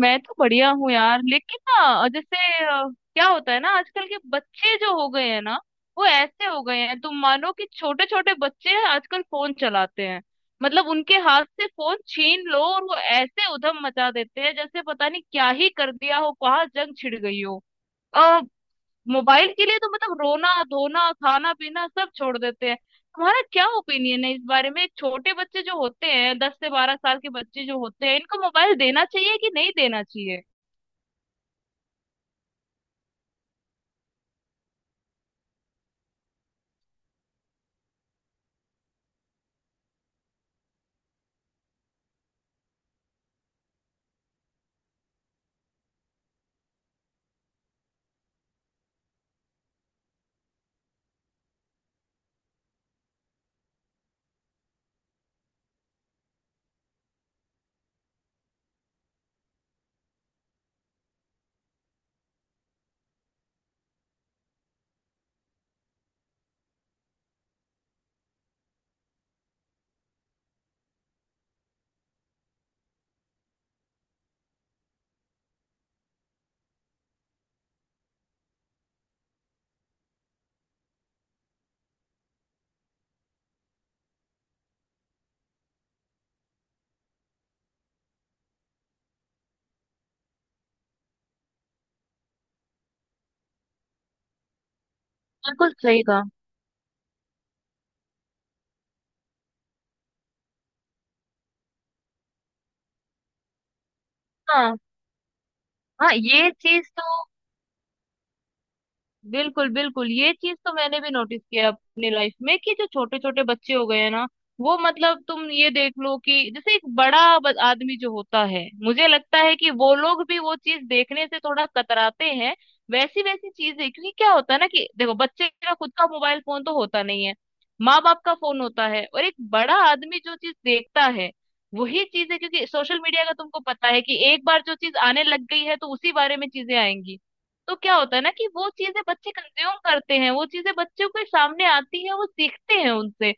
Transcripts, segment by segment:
मैं तो बढ़िया हूँ यार। लेकिन ना, जैसे अ, क्या होता है ना, आजकल के बच्चे जो हो गए हैं ना, वो ऐसे हो गए हैं। तुम मानो कि छोटे छोटे बच्चे हैं, आजकल फोन चलाते हैं। मतलब उनके हाथ से फोन छीन लो और वो ऐसे उधम मचा देते हैं जैसे पता नहीं क्या ही कर दिया हो, कहाँ जंग छिड़ गई हो। आ, मोबाइल के लिए तो मतलब रोना धोना खाना पीना सब छोड़ देते हैं। तुम्हारा क्या ओपिनियन है इस बारे में? छोटे बच्चे जो होते हैं, दस से बारह साल के बच्चे जो होते हैं, इनको मोबाइल देना चाहिए कि नहीं देना चाहिए? बिल्कुल सही कहा। हाँ हाँ, ये चीज तो बिल्कुल बिल्कुल, ये चीज तो मैंने भी नोटिस किया है अपनी लाइफ में, कि जो छोटे छोटे बच्चे हो गए हैं ना, वो मतलब तुम ये देख लो कि जैसे एक बड़ा आदमी जो होता है, मुझे लगता है कि वो लोग भी वो चीज देखने से थोड़ा कतराते हैं, वैसी वैसी चीजें। क्योंकि क्या होता है ना, कि देखो, बच्चे का खुद का मोबाइल फोन तो होता नहीं है, माँ बाप का फोन होता है, और एक बड़ा आदमी जो चीज देखता है वही चीज है। क्योंकि सोशल मीडिया का तुमको पता है कि एक बार जो चीज आने लग गई है तो उसी बारे में चीजें आएंगी। तो क्या होता है ना, कि वो चीजें बच्चे कंज्यूम करते हैं, वो चीजें बच्चों के सामने आती है, वो सीखते हैं उनसे।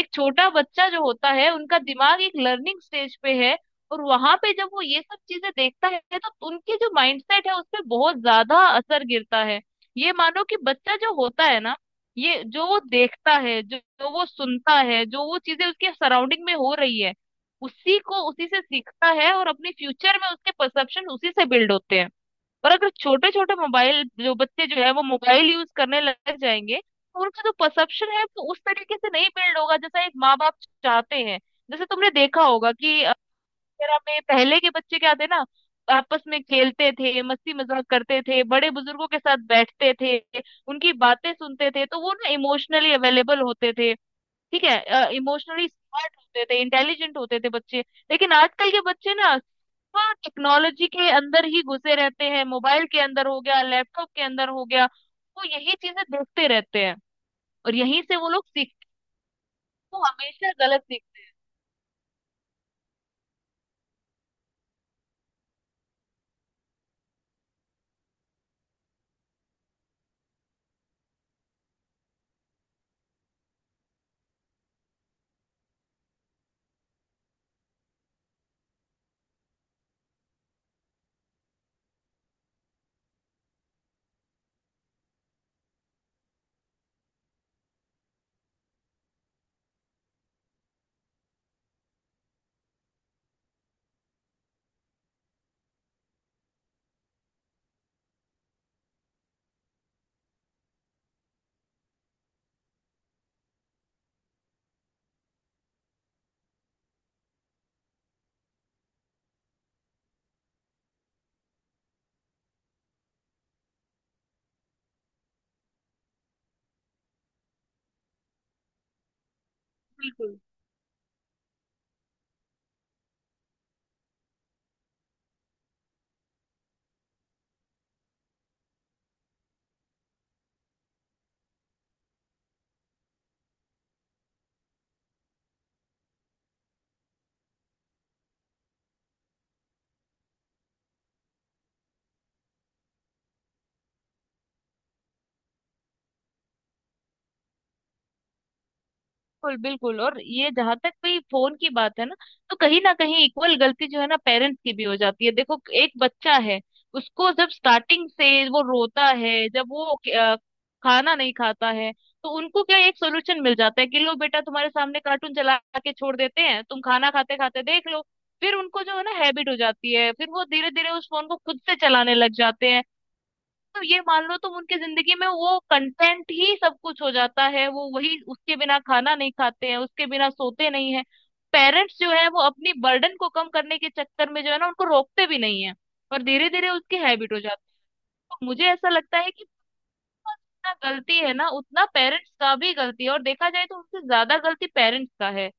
एक छोटा बच्चा जो होता है, उनका दिमाग एक लर्निंग स्टेज पे है, और वहां पे जब वो ये सब चीजें देखता है तो उनकी जो माइंडसेट है उस पे बहुत ज्यादा असर गिरता है। ये मानो कि बच्चा जो होता है ना, ये जो वो देखता है, जो वो सुनता है, जो वो चीजें उसके सराउंडिंग में हो रही है, उसी को उसी से सीखता है, और अपने फ्यूचर में उसके परसेप्शन उसी से बिल्ड होते हैं। और अगर छोटे छोटे मोबाइल जो बच्चे जो है वो मोबाइल यूज करने लग जाएंगे, तो उनका जो परसेप्शन है वो उस तरीके से नहीं बिल्ड होगा जैसा एक माँ बाप चाहते हैं। जैसे तुमने देखा होगा कि अगर हमें पहले के बच्चे क्या थे ना, आपस में खेलते थे, मस्ती मजाक करते थे, बड़े बुजुर्गों के साथ बैठते थे, उनकी बातें सुनते थे, तो वो ना इमोशनली अवेलेबल होते थे। ठीक है, इमोशनली स्मार्ट होते थे, इंटेलिजेंट होते थे बच्चे। लेकिन आजकल के बच्चे ना, हाँ, टेक्नोलॉजी के अंदर ही घुसे रहते हैं, मोबाइल के अंदर हो गया, लैपटॉप के अंदर हो गया, वो यही चीजें देखते रहते हैं, और यहीं से वो लोग सीखते हैं। वो हमेशा गलत सीखते हैं। बिल्कुल बिल्कुल बिल्कुल, और ये जहां तक भी फोन की बात है ना, तो कहीं ना कहीं इक्वल गलती जो है ना पेरेंट्स की भी हो जाती है। देखो, एक बच्चा है, उसको जब स्टार्टिंग से वो रोता है, जब वो अ, खाना नहीं खाता है, तो उनको क्या एक सोल्यूशन मिल जाता है कि लो बेटा, तुम्हारे सामने कार्टून चला के छोड़ देते हैं, तुम खाना खाते खाते देख लो। फिर उनको जो है ना हैबिट हो जाती है, फिर वो धीरे धीरे उस फोन को खुद से चलाने लग जाते हैं। तो ये मान लो तुम, उनकी जिंदगी में वो कंटेंट ही सब कुछ हो जाता है, वो वही, उसके बिना खाना नहीं खाते हैं, उसके बिना सोते नहीं है। पेरेंट्स जो है वो अपनी बर्डन को कम करने के चक्कर में जो है ना उनको रोकते भी नहीं है, और धीरे धीरे उसकी हैबिट हो जाती है। तो मुझे ऐसा लगता है कि जितना गलती है ना उतना पेरेंट्स का भी गलती है, और देखा जाए तो उनसे ज्यादा गलती पेरेंट्स का है।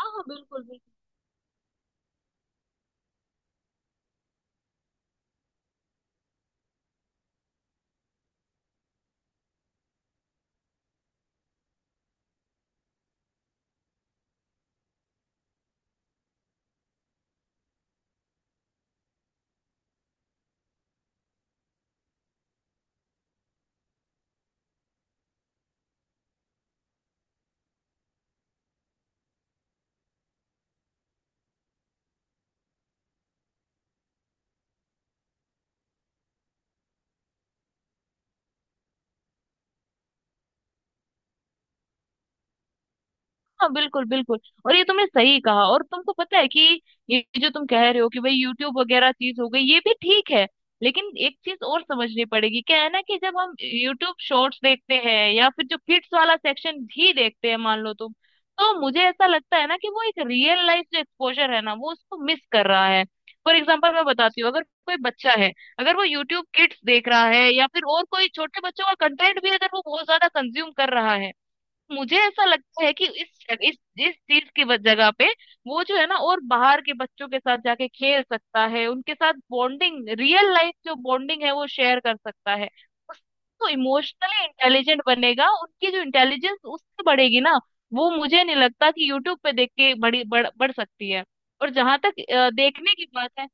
हाँ हाँ बिल्कुल। हाँ बिल्कुल बिल्कुल, और ये तुमने सही कहा। और तुमको पता है कि ये जो तुम कह रहे हो कि भाई यूट्यूब वगैरह चीज हो गई, ये भी ठीक है। लेकिन एक चीज और समझनी पड़ेगी, क्या है ना कि जब हम यूट्यूब शॉर्ट्स देखते हैं या फिर जो किड्स वाला सेक्शन भी देखते हैं मान लो तुम, तो मुझे ऐसा लगता है ना कि वो एक रियल लाइफ जो एक्सपोजर है ना वो उसको मिस कर रहा है। फॉर एग्जाम्पल मैं बताती हूँ, अगर कोई बच्चा है, अगर वो यूट्यूब किड्स देख रहा है या फिर और कोई छोटे बच्चों का कंटेंट भी अगर वो बहुत ज्यादा कंज्यूम कर रहा है, मुझे ऐसा लगता है कि इस इस चीज की जगह पे वो जो है ना और बाहर के बच्चों के साथ जाके खेल सकता है, उनके साथ बॉन्डिंग, रियल लाइफ जो बॉन्डिंग है वो शेयर कर सकता है। उस- तो इमोशनली इंटेलिजेंट बनेगा, उनकी जो इंटेलिजेंस उससे बढ़ेगी ना। वो मुझे नहीं लगता कि यूट्यूब पे देख के बड़ी बढ़ बढ़ सकती है। और जहां तक देखने की बात है,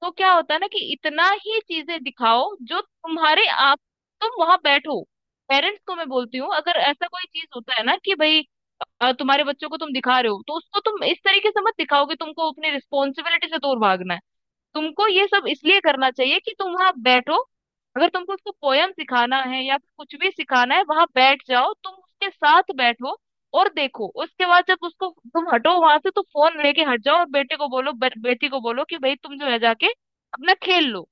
तो क्या होता है ना कि इतना ही चीजें दिखाओ जो तुम्हारे आप, तुम वहां बैठो। पेरेंट्स को मैं बोलती हूँ, अगर ऐसा कोई चीज होता है ना कि भाई, तुम्हारे बच्चों को तुम दिखा रहे हो, तो उसको तुम इस तरीके से मत दिखाओ कि तुमको अपनी रिस्पॉन्सिबिलिटी से दूर भागना है। तुमको ये सब इसलिए करना चाहिए कि तुम वहां बैठो। अगर तुमको उसको पोयम सिखाना है या फिर कुछ भी सिखाना है, वहां बैठ जाओ, तुम उसके साथ बैठो, और देखो उसके बाद जब उसको तुम हटो वहां से, तो फोन लेके हट जाओ और बेटे को बोलो, बेटी को बोलो कि भाई तुम जो है जाके अपना खेल लो।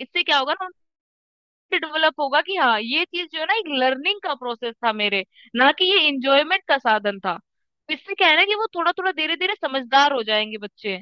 इससे क्या होगा ना, उनको डेवलप होगा कि हाँ, ये चीज जो है ना एक लर्निंग का प्रोसेस था मेरे, ना कि ये इंजॉयमेंट का साधन था। इससे क्या है ना कि वो थोड़ा थोड़ा धीरे धीरे समझदार हो जाएंगे बच्चे।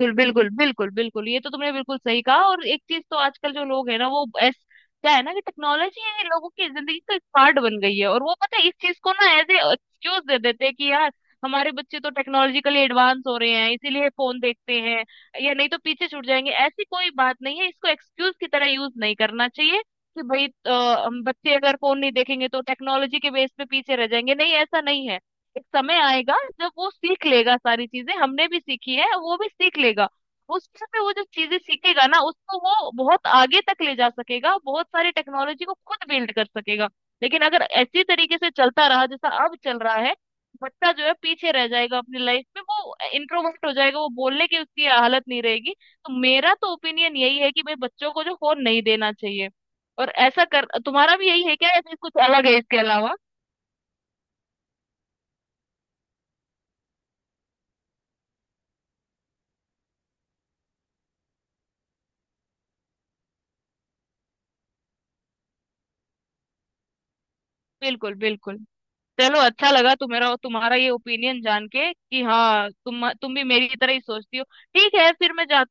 बिल्कुल बिल्कुल बिल्कुल बिल्कुल, ये तो तुमने बिल्कुल सही कहा। और एक चीज तो आजकल जो लोग है ना वो ऐस क्या है ना कि टेक्नोलॉजी है, लोगों की जिंदगी का एक पार्ट बन गई है, और वो पता है इस चीज को ना एज ए एक्सक्यूज दे देते हैं कि यार हमारे बच्चे तो टेक्नोलॉजिकली एडवांस हो रहे हैं इसीलिए फोन देखते हैं, या नहीं तो पीछे छूट जाएंगे। ऐसी कोई बात नहीं है, इसको एक्सक्यूज की तरह यूज नहीं करना चाहिए कि भाई हम बच्चे अगर फोन नहीं देखेंगे तो टेक्नोलॉजी के बेस पे पीछे रह जाएंगे। नहीं, ऐसा नहीं है। एक समय आएगा जब वो सीख लेगा सारी चीजें, हमने भी सीखी है वो भी सीख लेगा। उस समय वो जब चीजें सीखेगा ना, उसको वो बहुत आगे तक ले जा सकेगा, बहुत सारी टेक्नोलॉजी को खुद बिल्ड कर सकेगा। लेकिन अगर ऐसी तरीके से चलता रहा जैसा अब चल रहा है, बच्चा जो है पीछे रह जाएगा अपनी लाइफ में, वो इंट्रोवर्ट हो जाएगा, वो बोलने की उसकी हालत नहीं रहेगी। तो मेरा तो ओपिनियन यही है कि भाई बच्चों को जो फोन नहीं देना चाहिए। और ऐसा कर तुम्हारा भी यही है क्या, या फिर कुछ अलग है इसके अलावा? बिल्कुल बिल्कुल। चलो, अच्छा लगा तुम्हारा तुम्हारा ये ओपिनियन जान के कि हाँ, तुम भी मेरी तरह ही सोचती हो। ठीक है, फिर मैं जाती